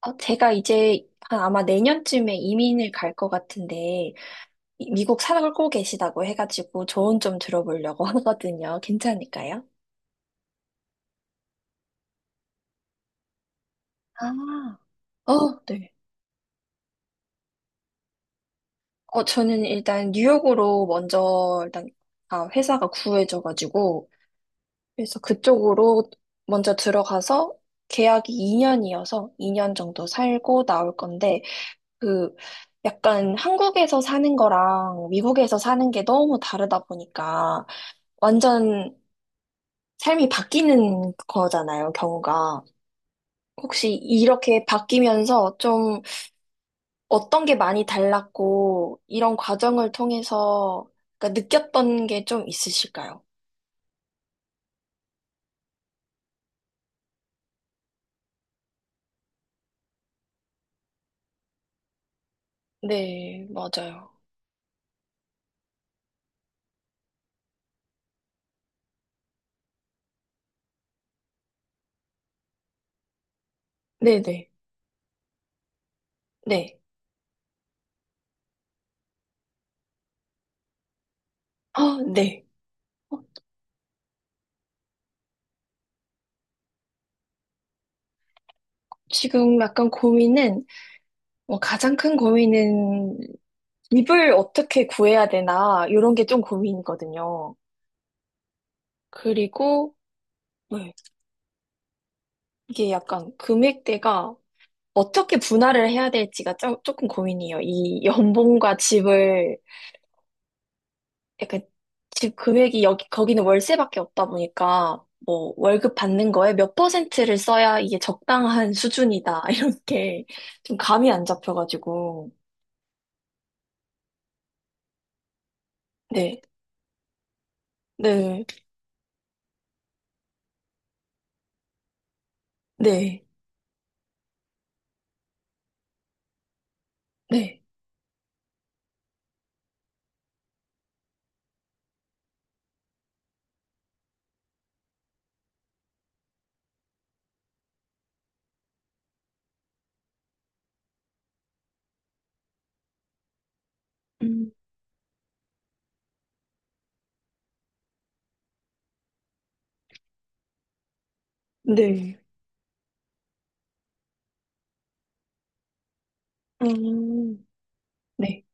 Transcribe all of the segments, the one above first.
제가 이제 한 아마 내년쯤에 이민을 갈 것 같은데, 미국 살고 계시다고 해가지고 조언 좀 들어보려고 하거든요. 괜찮을까요? 아, 어, 네. 저는 일단 뉴욕으로 먼저 일단 아, 회사가 구해져가지고 그래서 그쪽으로 먼저 들어가서 계약이 2년이어서 2년 정도 살고 나올 건데 그 약간 한국에서 사는 거랑 미국에서 사는 게 너무 다르다 보니까 완전 삶이 바뀌는 거잖아요, 경우가. 혹시 이렇게 바뀌면서 좀 어떤 게 많이 달랐고, 이런 과정을 통해서 그러니까 느꼈던 게 좀 있으실까요? 네, 맞아요. 네네, 네. 아, 네. 어, 지금 약간 고민은, 가장 큰 고민은 집을 어떻게 구해야 되나, 이런 게 좀 고민이거든요. 그리고, 네, 이게 약간 금액대가 어떻게 분할을 해야 될지가 조금 고민이에요. 이 연봉과 집을 약간 집 금액이 여기 거기는 월세밖에 없다 보니까 뭐 월급 받는 거에 몇 퍼센트를 써야 이게 적당한 수준이다 이렇게 좀 감이 안 잡혀가지고 네, 네, 네, 네, 음, 네, 음, 네.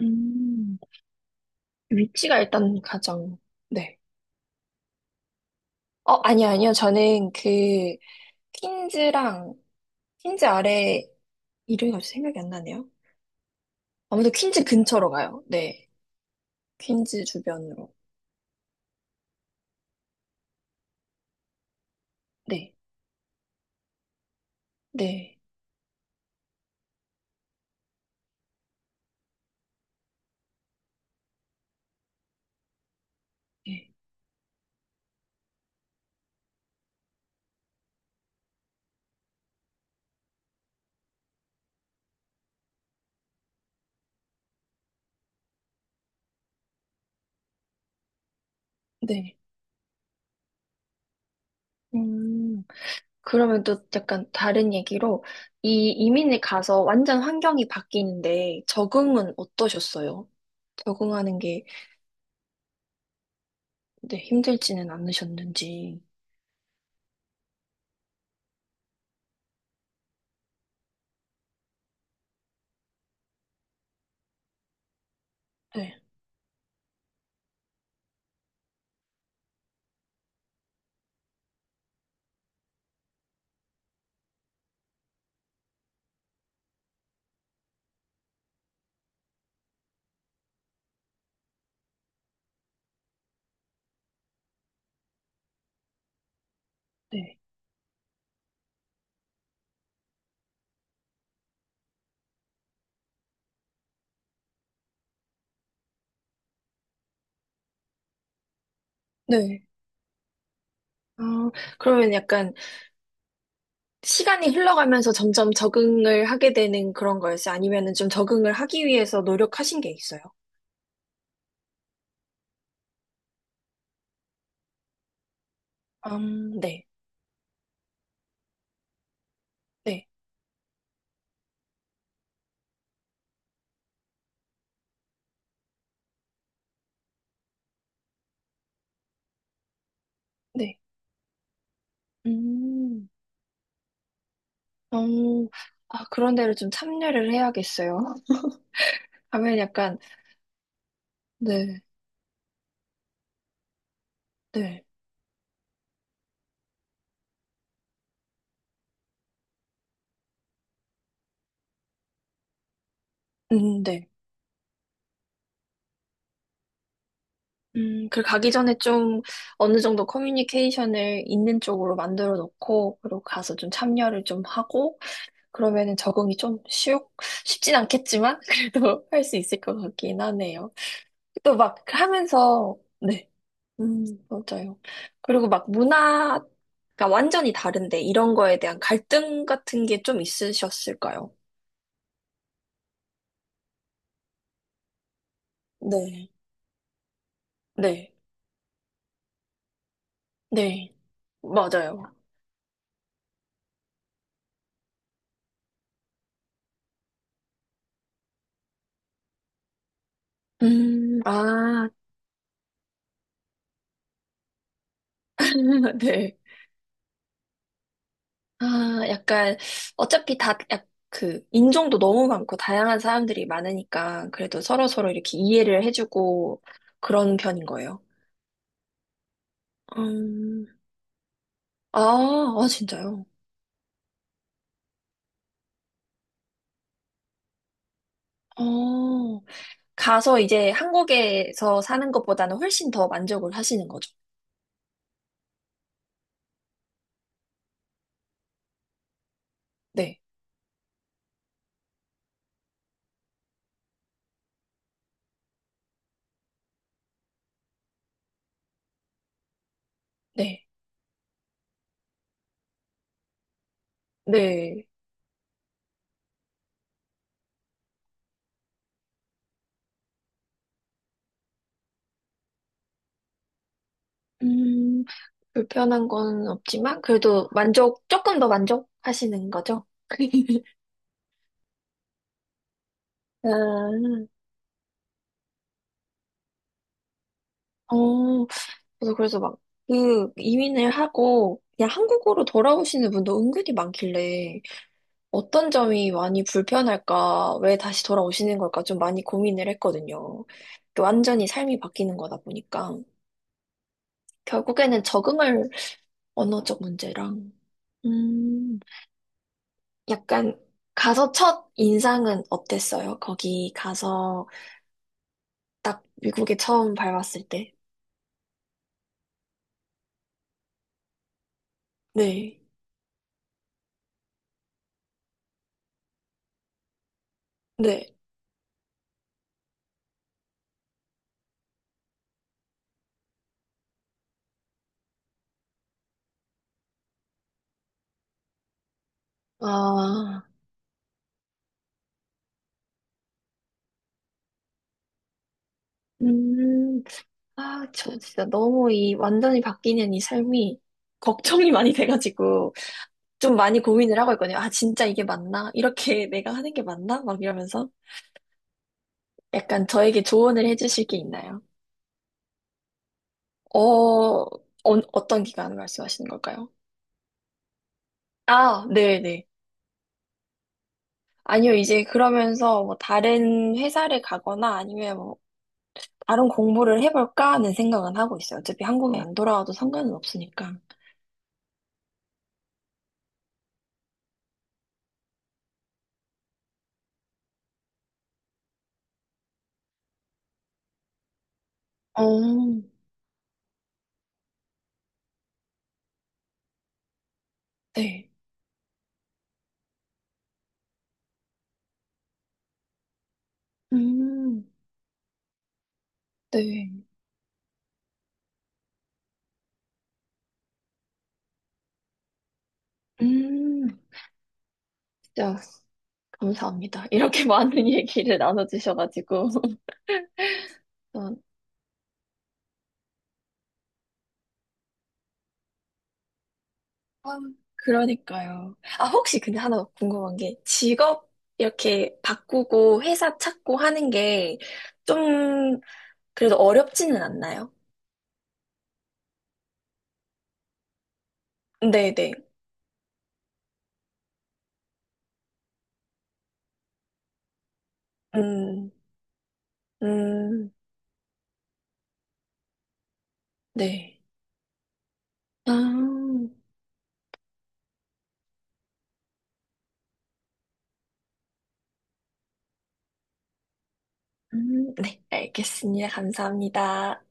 음, 위치가 일단 가장, 네. 아니요, 아니요. 저는 그, 퀸즈랑, 퀸즈 아래 이름이 갑자기 생각이 안 나네요. 아무래도 퀸즈 근처로 가요. 네. 퀸즈 주변으로. 네. 네. 네. 네. 음, 그러면 또 약간 다른 얘기로 이 이민을 가서 완전 환경이 바뀌는데 적응은 어떠셨어요? 적응하는 게 네, 힘들지는 않으셨는지. 네. 네. 네. 아, 그러면 약간 시간이 흘러가면서 점점 적응을 하게 되는 그런 거였어요? 아니면은 좀 적응을 하기 위해서 노력하신 게 있어요? 네. 네. 네. 음, 어, 아, 그런 데를 좀 참여를 해야겠어요. 가면 약간, 네, 네, 네. 그 가기 전에 좀 어느 정도 커뮤니케이션을 있는 쪽으로 만들어 놓고, 그리고 가서 좀 참여를 좀 하고, 그러면은 적응이 좀 쉽진 않겠지만, 그래도 할 수 있을 것 같긴 하네요. 또 막 하면서, 네. 맞아요. 그리고 막 문화가 완전히 다른데 이런 거에 대한 갈등 같은 게 좀 있으셨을까요? 네. 네, 네, 맞아요. 아, 네. 아, 약간, 어차피 그, 인종도 너무 많고, 다양한 사람들이 많으니까, 그래도 서로서로 이렇게 이해를 해주고, 그런 편인 거예요. 음, 아, 아, 진짜요? 어, 가서 이제 한국에서 사는 것보다는 훨씬 더 만족을 하시는 거죠. 네, 네, 네. 음, 불편한 건 없지만, 그래도 만족, 조금 더 만족하시는 거죠. 음, 어, 저도 그래서 막, 그, 이민을 하고, 그냥 한국으로 돌아오시는 분도 은근히 많길래, 어떤 점이 많이 불편할까, 왜 다시 돌아오시는 걸까 좀 많이 고민을 했거든요. 완전히 삶이 바뀌는 거다 보니까. 결국에는 적응을 언어적 문제랑. 음, 약간 가서 첫 인상은 어땠어요? 거기 가서 딱 미국에 처음 밟았을 때. 네, 네. 아, 음, 아, 저 진짜 너무 이 완전히 바뀌는 이 삶이 걱정이 많이 돼가지고 좀 많이 고민을 하고 있거든요. 아, 진짜 이게 맞나? 이렇게 내가 하는 게 맞나? 막 이러면서 약간 저에게 조언을 해주실 게 있나요? 어, 어 어떤 기간 말씀하시는 걸까요? 아, 네네. 아니요, 이제 그러면서 뭐 다른 회사를 가거나 아니면 뭐 다른 공부를 해볼까 하는 생각은 하고 있어요. 어차피 한국에 안 돌아와도 상관은 없으니까. 어, 네. 음, 네. 음, 진짜 감사합니다. 이렇게 많은 얘기를 나눠주셔가지고. 전- 아, 그러니까요. 아, 혹시 근데 하나 궁금한 게 직업 이렇게 바꾸고 회사 찾고 하는 게 좀 그래도 어렵지는 않나요? 네네. 음, 음, 네. 아, 네. 알겠습니다. 감사합니다.